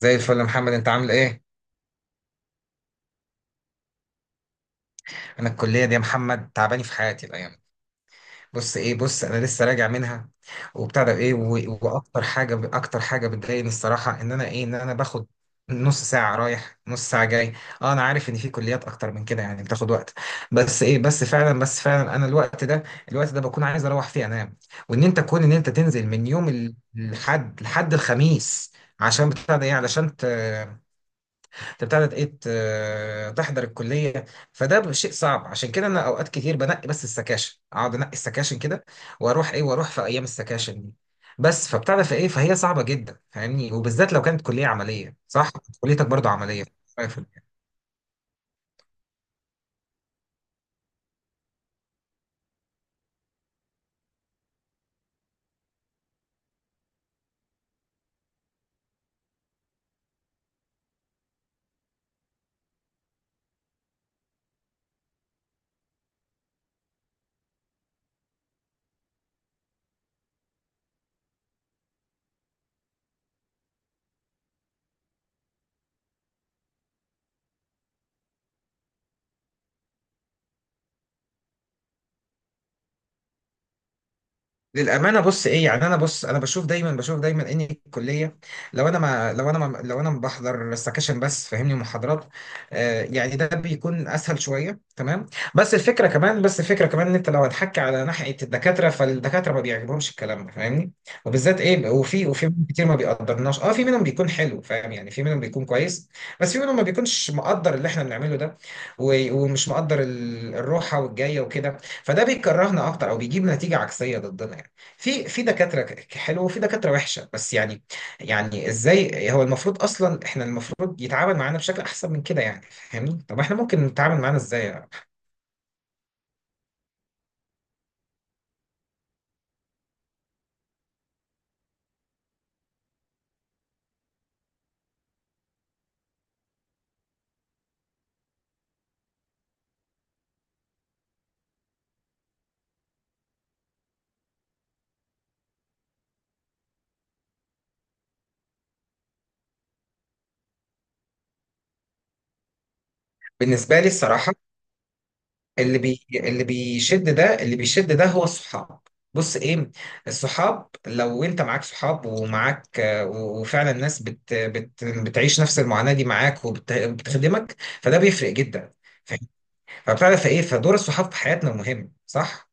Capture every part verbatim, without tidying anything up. زي الفل يا محمد انت عامل ايه؟ انا الكليه دي يا محمد تعباني في حياتي الايام دي. بص ايه بص انا لسه راجع منها وبتاع ده ايه و- واكتر حاجه اكتر حاجه بتضايقني الصراحه ان انا ايه ان انا باخد نص ساعه رايح نص ساعه جاي. اه انا عارف ان في كليات اكتر من كده يعني بتاخد وقت، بس ايه بس فعلا بس فعلا انا الوقت ده الوقت ده بكون عايز اروح فيه انام، وان انت كون ان انت تنزل من يوم ال- الحد لحد الخميس عشان بتاع ده ايه علشان ت... انت بتاعت ايه ت- تحضر الكليه. فده شيء صعب، عشان كده انا اوقات كتير بنقي بس السكاشن، اقعد انقي السكاشن كده واروح ايه واروح في ايام السكاشن دي. بس فبتاع في ايه فهي صعبه جدا فاهمني، وبالذات لو كانت كليه عمليه، صح؟ كليتك برضو عمليه. للامانه بص ايه يعني انا بص انا بشوف دايما بشوف دايما ان الكليه لو انا ما لو انا ما لو انا ما بحضر سكاشن بس فاهمني محاضرات، آه يعني ده بيكون اسهل شويه تمام. بس الفكره كمان بس الفكره كمان ان انت لو هتحكي على ناحيه الدكاتره فالدكاتره ما بيعجبهمش الكلام ده فاهمني. وبالذات ايه وفي وفي منهم كتير ما بيقدرناش، اه في منهم بيكون حلو فاهم يعني، في منهم بيكون كويس، بس في منهم ما بيكونش مقدر اللي احنا بنعمله ده، و- ومش مقدر ال- الروحه والجايه وكده، فده بيكرهنا اكتر او بيجيب نتيجه عكسيه ضدنا يعني. في في دكاترة ك- حلوة وفي دكاترة وحشة بس يعني، يعني ازاي هو المفروض اصلا احنا المفروض يتعامل معانا بشكل احسن من كده يعني فاهمني. طب احنا ممكن نتعامل معانا ازاي يعني؟ بالنسبة لي الصراحة، اللي بي اللي بيشد ده اللي بيشد ده هو الصحاب. بص ايه، الصحاب لو انت معاك صحاب ومعاك آه، و- وفعلا الناس بت بت بتعيش نفس المعاناة دي معاك وبتخدمك، فده بيفرق جدا، فاهم؟ فبتعرف ايه فدور الصحاب في حياتنا مهم، صح؟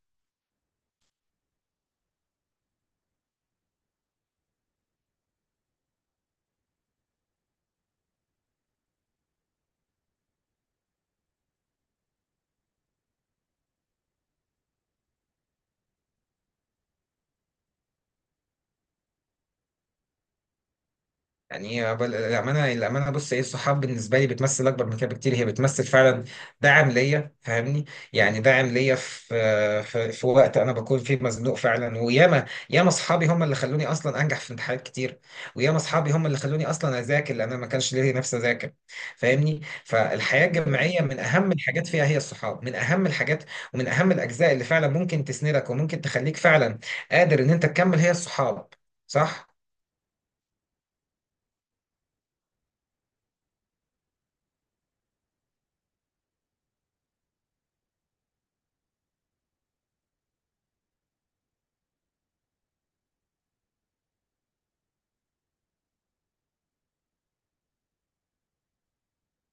يعني هي بل- الأمانة الأمانة بص إيه، الصحاب بالنسبة لي بتمثل أكبر من كده بكتير، هي بتمثل فعلا دعم ليا فاهمني. يعني دعم ليا في في, في وقت أنا بكون فيه مزنوق فعلا، وياما ياما أصحابي هم اللي خلوني أصلا أنجح في امتحانات كتير، وياما أصحابي هم اللي خلوني أصلا أذاكر لأن أنا ما كانش ليا نفسي أذاكر فاهمني. فالحياة الجامعية من أهم الحاجات فيها هي الصحاب، من أهم الحاجات ومن أهم الأجزاء اللي فعلا ممكن تسندك وممكن تخليك فعلا قادر إن أنت تكمل هي الصحاب، صح؟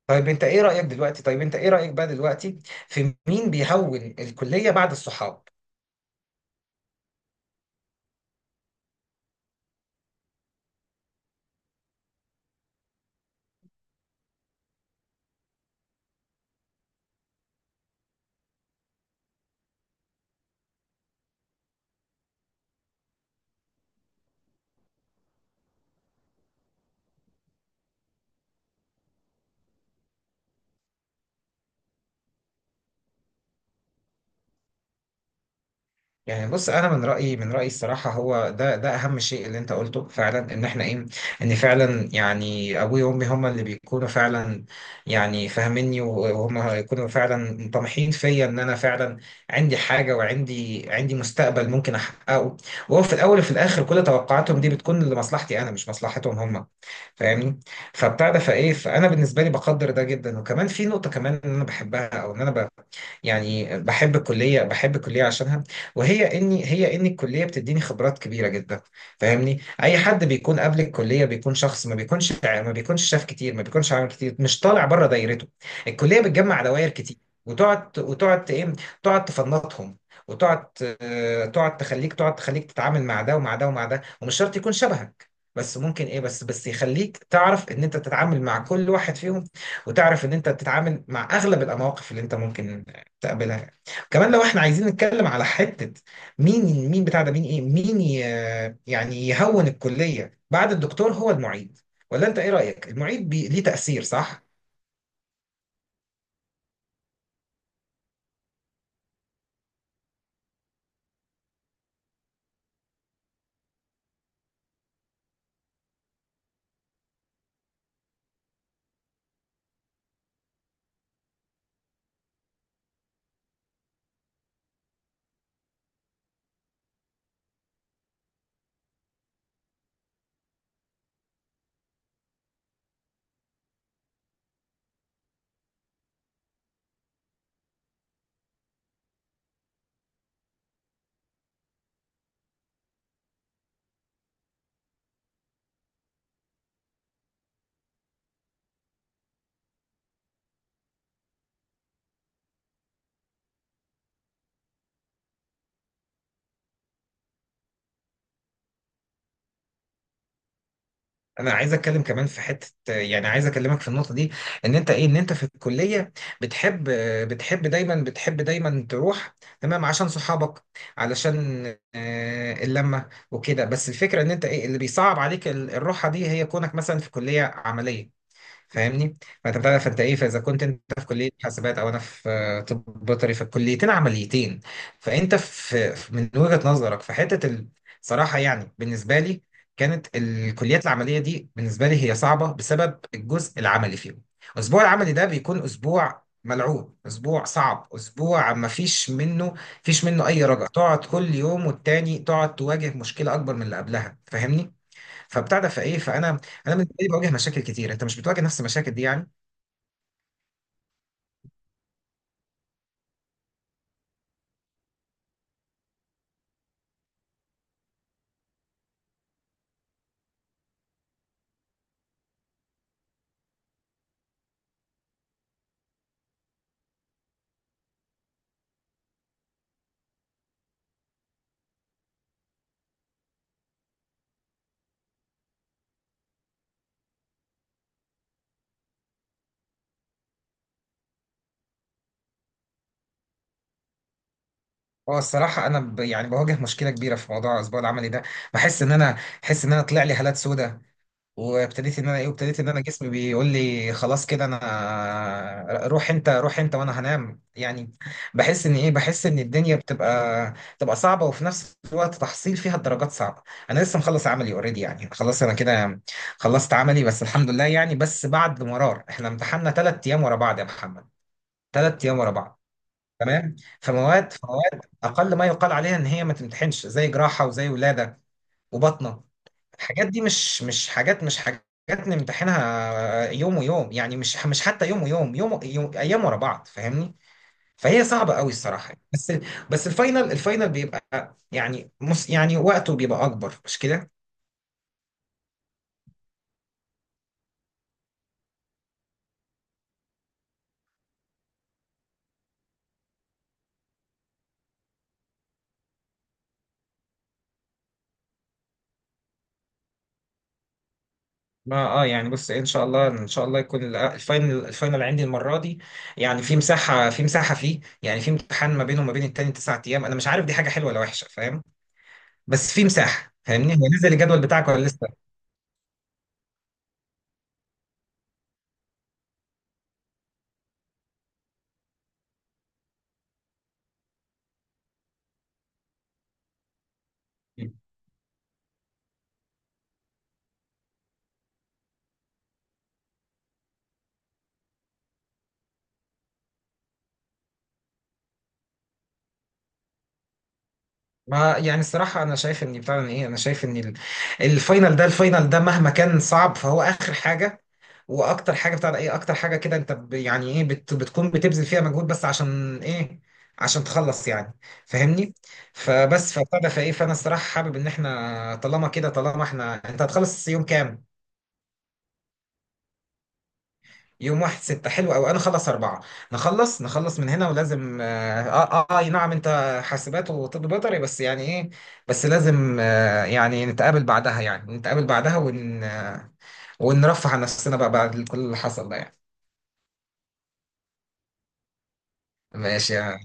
طيب انت ايه رأيك دلوقتي، طيب انت ايه رأيك بقى دلوقتي في مين بيهون الكلية بعد الصحاب؟ يعني بص انا من رايي من رايي الصراحه هو ده ده اهم شيء اللي انت قلته فعلا ان احنا ايه، ان فعلا يعني ابوي وامي هما اللي بيكونوا فعلا، يعني فاهميني وهم يكونوا فعلا طامحين فيا ان انا فعلا عندي حاجه وعندي عندي مستقبل ممكن احققه. وهو في الاول وفي الاخر كل توقعاتهم دي بتكون لمصلحتي انا مش مصلحتهم هما فاهمني. فبتاع ده فايه فانا بالنسبه لي بقدر ده جدا، وكمان في نقطه كمان ان انا بحبها او ان انا ب... يعني بحب الكليه، بحب الكليه عشانها، وهي اني هي ان الكليه بتديني خبرات كبيره جدا فاهمني. اي حد بيكون قبل الكليه بيكون شخص ما بيكونش ما بيكونش شاف كتير، ما بيكونش عامل كتير، مش طالع بره دايرته. الكليه بتجمع دواير كتير، وتقعد وتقعد ايه تقعد تفنطهم، وتقعد آه، تقعد تخليك تقعد تخليك تتعامل مع ده ومع ده ومع ده، ومش شرط يكون شبهك، بس ممكن ايه بس بس يخليك تعرف ان انت تتعامل مع كل واحد فيهم، وتعرف ان انت تتعامل مع اغلب المواقف اللي انت ممكن تقابلها. كمان لو احنا عايزين نتكلم على حتة مين مين بتاع ده مين ايه مين ي- يعني يهون الكلية بعد الدكتور هو المعيد، ولا انت ايه رأيك؟ المعيد بي ليه تأثير، صح؟ انا عايز اتكلم كمان في حتة يعني عايز اكلمك في النقطة دي، ان انت ايه ان انت في الكلية بتحب بتحب دايما بتحب دايما تروح، تمام، عشان صحابك، علشان آه، اللمة وكده. بس الفكرة ان انت ايه اللي بيصعب عليك ال- الروحة دي هي كونك مثلا في كلية عملية فاهمني. فانت بتعرف فانت ايه، فاذا كنت انت في كليه حاسبات او انا في آه، طب بيطري فالكليتين عمليتين. فانت في في- من وجهه نظرك في حته ال- صراحه يعني، بالنسبه لي كانت الكليات العمليه دي بالنسبه لي هي صعبه بسبب الجزء العملي فيهم. الاسبوع العملي ده بيكون اسبوع ملعوب، اسبوع صعب، اسبوع ما فيش منه، فيش منه اي رجع، تقعد كل يوم والتاني تقعد تواجه مشكله اكبر من اللي قبلها فاهمني. فبتاع ده فايه فانا، انا بالنسبه لي بواجه مشاكل كتير، انت مش بتواجه نفس المشاكل دي يعني. اه الصراحه انا ب... يعني بواجه مشكله كبيره في موضوع الاسبوع العملي ده، بحس ان انا بحس ان انا طلع لي هالات سودة، وابتديت ان انا ايه وابتديت ان انا جسمي بيقول لي خلاص كده انا روح انت، روح انت وانا هنام يعني. بحس ان ايه بحس ان الدنيا بتبقى بتبقى صعبه وفي نفس الوقت تحصيل فيها الدرجات صعبه. انا لسه مخلص عملي اوريدي يعني، خلاص انا كده خلصت عملي بس الحمد لله يعني، بس بعد مرار احنا امتحنا ثلاث ايام ورا بعض يا محمد، ثلاث ايام ورا بعض، تمام. فمواد فمواد اقل ما يقال عليها ان هي ما تمتحنش زي جراحه وزي ولاده وبطنه، الحاجات دي مش مش حاجات مش حاجات نمتحنها يوم ويوم يعني، مش مش حتى يوم ويوم، يوم, يوم ايام ورا بعض فاهمني، فهي صعبه قوي الصراحه بس. بس الفاينل الفاينل بيبقى يعني مس يعني وقته بيبقى اكبر، مش كده؟ ما اه يعني بص ان شاء الله ان شاء الله يكون ال- الفاينل الفاينل عندي المره دي يعني في مساحه في مساحه فيه يعني في امتحان ما بينه وما بين التاني تسع ايام، انا مش عارف دي حاجه حلوه ولا وحشه فاهم، بس في مساحه فاهمني. هو نزل الجدول بتاعك ولا لسه؟ ما يعني الصراحة أنا شايف إن بتاع إن إيه أنا شايف إن ال- الفاينل ده الفاينل ده مهما كان صعب فهو آخر حاجة، وأكتر حاجة بتاع ده إيه أكتر حاجة كده أنت ب- يعني إيه بت بتكون بتبذل فيها مجهود بس عشان إيه؟ عشان تخلص يعني فاهمني. فبس فبتاع ده فإيه فأنا الصراحة حابب إن إحنا طالما كده طالما إحنا أنت هتخلص يوم كام؟ يوم واحد ستة، حلو أوي، أنا خلص أربعة. نخلص نخلص من هنا، ولازم آه آه, آه أي نعم أنت حاسبات وطب بيطري بس يعني إيه، بس لازم آه يعني نتقابل بعدها يعني نتقابل بعدها ون آه ونرفه عن نفسنا بقى بعد كل اللي حصل ده يعني. ماشي يا